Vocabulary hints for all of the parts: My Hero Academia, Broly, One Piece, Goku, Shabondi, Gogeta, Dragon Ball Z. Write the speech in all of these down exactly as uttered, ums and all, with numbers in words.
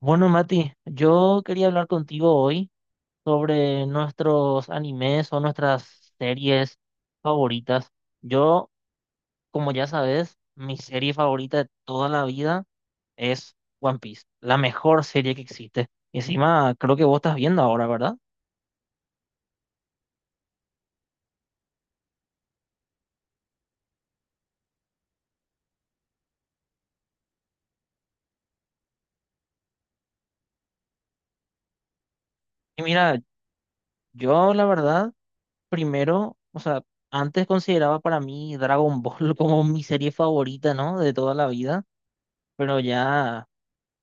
Bueno, Mati, yo quería hablar contigo hoy sobre nuestros animes o nuestras series favoritas. Yo, como ya sabes, mi serie favorita de toda la vida es One Piece, la mejor serie que existe. Y encima, creo que vos estás viendo ahora, ¿verdad? Y mira, yo la verdad, primero, o sea, antes consideraba para mí Dragon Ball como mi serie favorita, ¿no? De toda la vida, pero ya...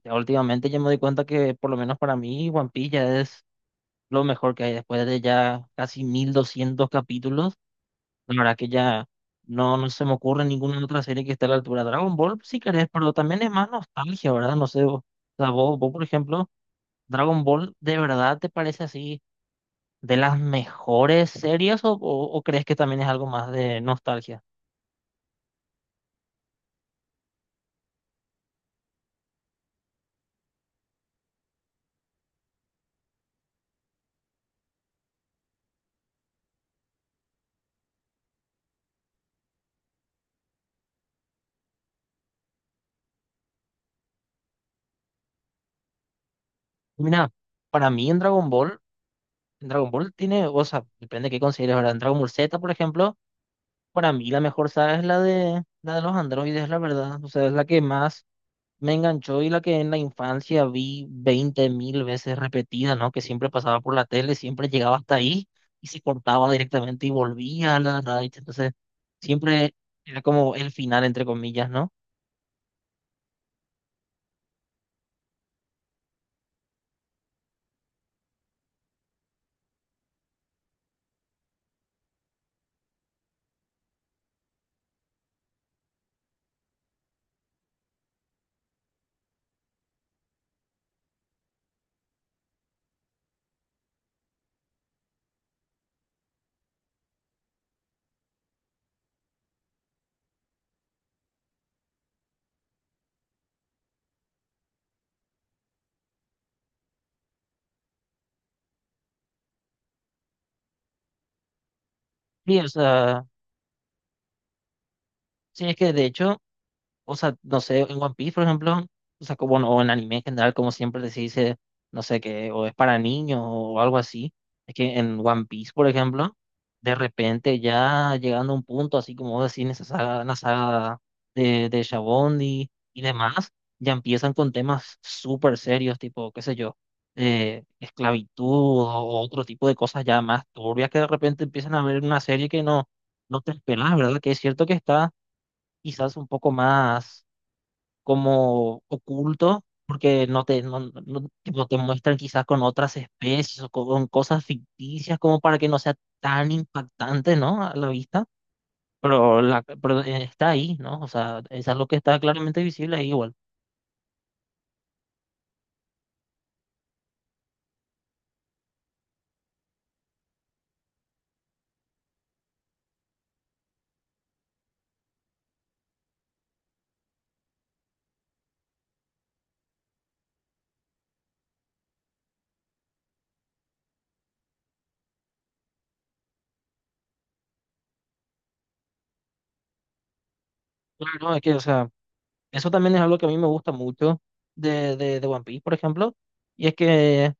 ya últimamente ya me doy cuenta que por lo menos para mí One Piece ya es lo mejor que hay. Después de ya casi mil doscientos capítulos, la verdad que ya no, no se me ocurre ninguna otra serie que esté a la altura. Dragon Ball si querés, pero también es más nostalgia, ¿verdad? No sé, vos, o sea, vos, vos, por ejemplo, Dragon Ball, ¿de verdad te parece así de las mejores series o, o, o crees que también es algo más de nostalgia? Mira, para mí en Dragon Ball, en Dragon Ball tiene, o sea, depende de qué consideres, ¿verdad? En Dragon Ball Z, por ejemplo. Para mí la mejor saga es la de la de los androides, la verdad. O sea, es la que más me enganchó y la que en la infancia vi veinte mil veces repetida, ¿no? Que siempre pasaba por la tele, siempre llegaba hasta ahí y se cortaba directamente y volvía a la radio. Entonces, siempre era como el final, entre comillas, ¿no? Sí, o sea, sí, es que de hecho o sea, no sé, en One Piece, por ejemplo, o sea, como, o en anime en general, como siempre se dice, no sé qué, o es para niños o algo así. Es que en One Piece, por ejemplo, de repente ya llegando a un punto, así como vos decís, en esa saga, en la saga de, de Shabondi y demás, ya empiezan con temas súper serios, tipo, qué sé yo, eh, esclavitud o otro tipo de cosas ya más turbias que de repente empiezan a ver en una serie que no, no te esperas, ¿verdad? Que es cierto que está quizás un poco más como oculto, porque no te, no, no- no- tipo, te muestran quizás con otras especies o con cosas ficticias como para que no sea tan impactante, ¿no? A la vista, pero, la, pero eh, está ahí, ¿no? O sea, es algo que está claramente visible ahí igual. Claro, es que, o sea, eso también es algo que a mí me gusta mucho de, de, de One Piece, por ejemplo, y es que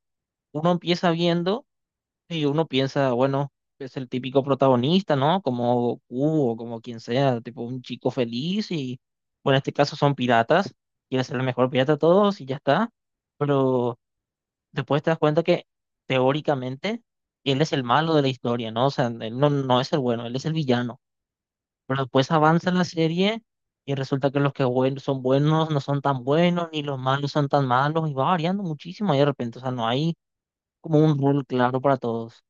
uno empieza viendo. Y uno piensa, bueno, es el típico protagonista, ¿no? Como Goku o como quien sea, tipo un chico feliz y, bueno, en este caso son piratas, quiere ser el mejor pirata de todos y ya está. Pero después te das cuenta que teóricamente él es el malo de la historia, ¿no? O sea, él no, no es el bueno, él es el villano. Pero después avanza la serie y resulta que los que buen- son buenos no son tan buenos, ni los malos son tan malos y va variando muchísimo ahí de repente, o sea, no hay como un rule claro para todos.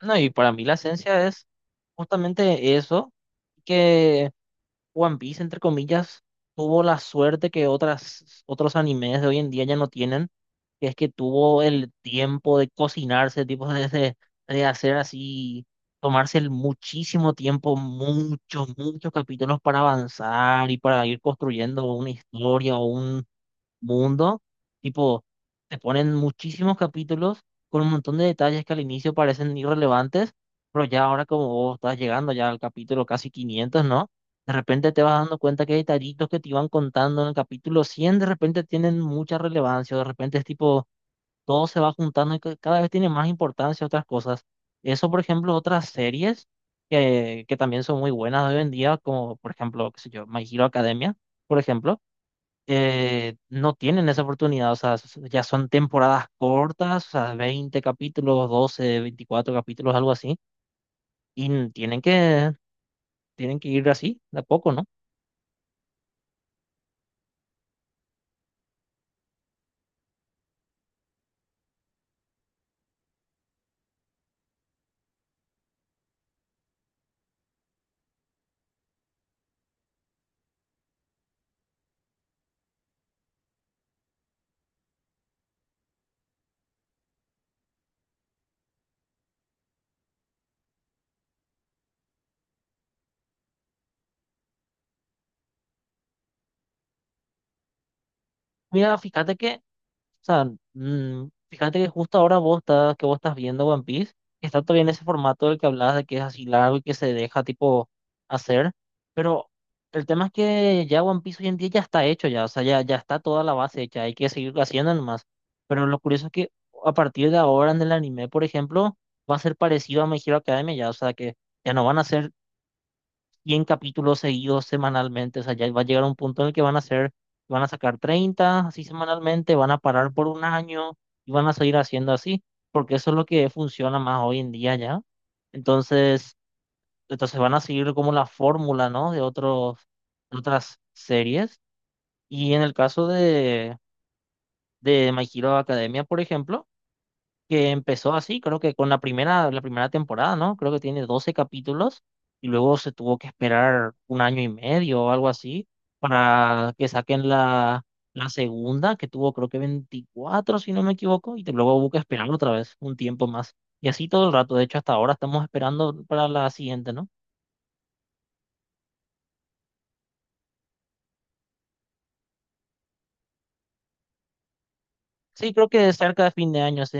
No, y para mí la esencia es justamente eso, que One Piece, entre comillas, tuvo la suerte que otras, otros animes de hoy en día ya no tienen, que es que tuvo el tiempo de cocinarse, tipo de, de- de hacer así, tomarse el muchísimo tiempo, muchos, muchos capítulos para avanzar y para ir construyendo una historia mundo, tipo, te ponen muchísimos capítulos con un montón de detalles que al inicio parecen irrelevantes, pero ya ahora, como vos estás llegando ya al capítulo casi quinientos, ¿no? De repente te vas dando cuenta que hay detallitos que te iban contando en el capítulo cien, de repente tienen mucha relevancia, de repente es tipo, todo se va juntando y ca- cada vez tiene más importancia otras cosas. Eso, por ejemplo, otras series que, que también son muy buenas hoy en día, como por ejemplo, qué sé yo, My Hero Academia, por ejemplo, eh, no tienen esa oportunidad, o sea, s- ya son temporadas cortas, o sea, veinte capítulos, doce veinticuatro capítulos, algo así, y n- tienen que, tienen que ir así, de a poco, ¿no? Mira, fíjate que o sea, mm, fíjate que justo ahora vos estás, que vos estás viendo One Piece, está todavía en ese formato del que hablabas, de que es así largo y que se deja tipo hacer, pero el tema es que ya One Piece hoy en día ya está hecho ya, o sea, ya, ya está toda la base hecha, hay que seguir haciendo nomás. Pero lo curioso es que a partir de ahora en el anime, por ejemplo, va a ser parecido a My Hero Academia ya, o sea que ya no van a ser cien capítulos seguidos semanalmente. O sea, ya va a llegar un punto en el que van a hacer van a sacar treinta así semanalmente, van a parar por un año y van a seguir haciendo así, porque eso es lo que funciona más hoy en día ya. Entonces, entonces van a seguir como la fórmula, ¿no? De otros, de otras series. Y en el caso de, de My Hero Academia, por ejemplo, que empezó así, creo que con la primera, la primera temporada, ¿no? Creo que tiene doce capítulos y luego se tuvo que esperar un año y medio o algo así para que saquen la, la segunda, que tuvo, creo, que veinticuatro, si no me equivoco, y te- luego hubo que esperar otra vez un tiempo más. Y así todo el rato, de hecho hasta ahora estamos esperando para la siguiente, ¿no? Sí, creo que cerca de fin de año, sí.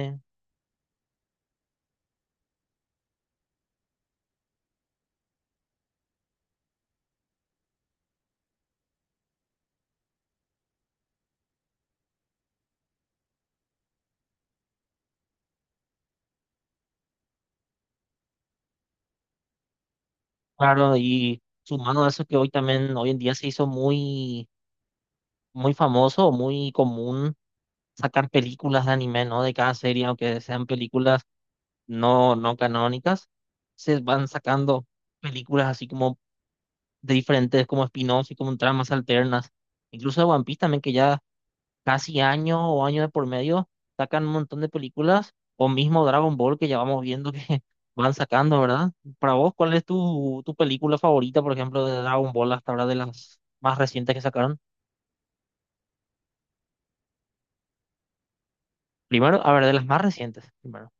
Claro, y sumando a eso, que hoy también, hoy en día, se hizo muy, muy famoso, muy común sacar películas de anime, ¿no? De cada serie, aunque sean películas no, no canónicas, se van sacando películas así como de diferentes, como spin-offs y como tramas alternas. Incluso de One Piece también, que ya casi año o año de por medio sacan un montón de películas, o mismo Dragon Ball, que ya vamos viendo que van sacando, ¿verdad? Para vos, ¿cuál es tu, tu película favorita, por ejemplo, de Dragon Ball hasta ahora, de las más recientes que sacaron? Primero, a ver, de las más recientes. Primero.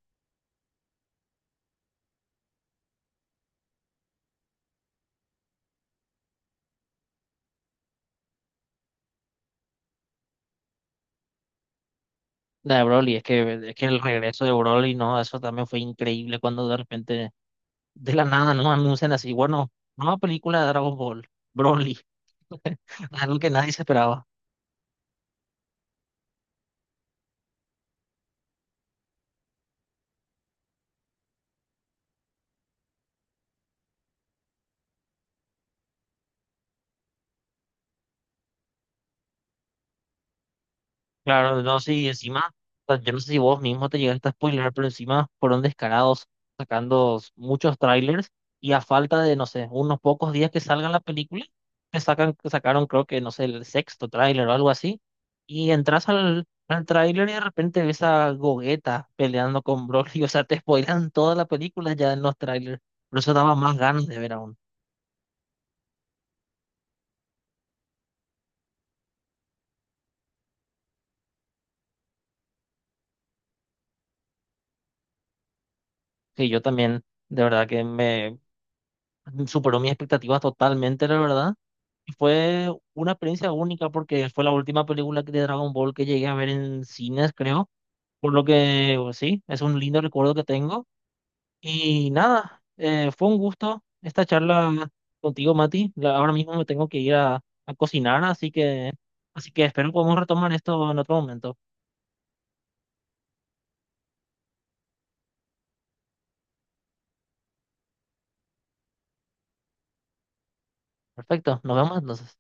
De Broly, es que, es que el regreso de Broly, no, eso también fue increíble cuando de repente, de la nada, no anuncian así, bueno, nueva película de Dragon Ball, Broly, algo que nadie se esperaba. Claro, no sé, y encima, o sea, yo no sé si vos mismo te llegaste a spoiler, pero encima fueron descarados sacando s- muchos trailers y a falta de, no sé, unos pocos días que salga la película, te sacan, sacaron, creo que, no sé, el sexto tráiler o algo así, y entras al, al tráiler y de repente ves a Gogeta peleando con Broly, o sea, te spoilan toda la película ya en los trailers, por eso daba más ganas de ver aún, que yo también, de verdad que me superó mis expectativas totalmente, la verdad. Y fue una experiencia única porque fue la última película que- de Dragon Ball que llegué a ver en cines, creo. Por lo que, pues, sí, es un lindo recuerdo que tengo. Y nada, eh, fue un gusto esta charla contigo, Mati. La- Ahora mismo me tengo que ir a, a cocinar, así que, así que espero podamos retomar esto en otro momento. Perfecto, nos vemos entonces.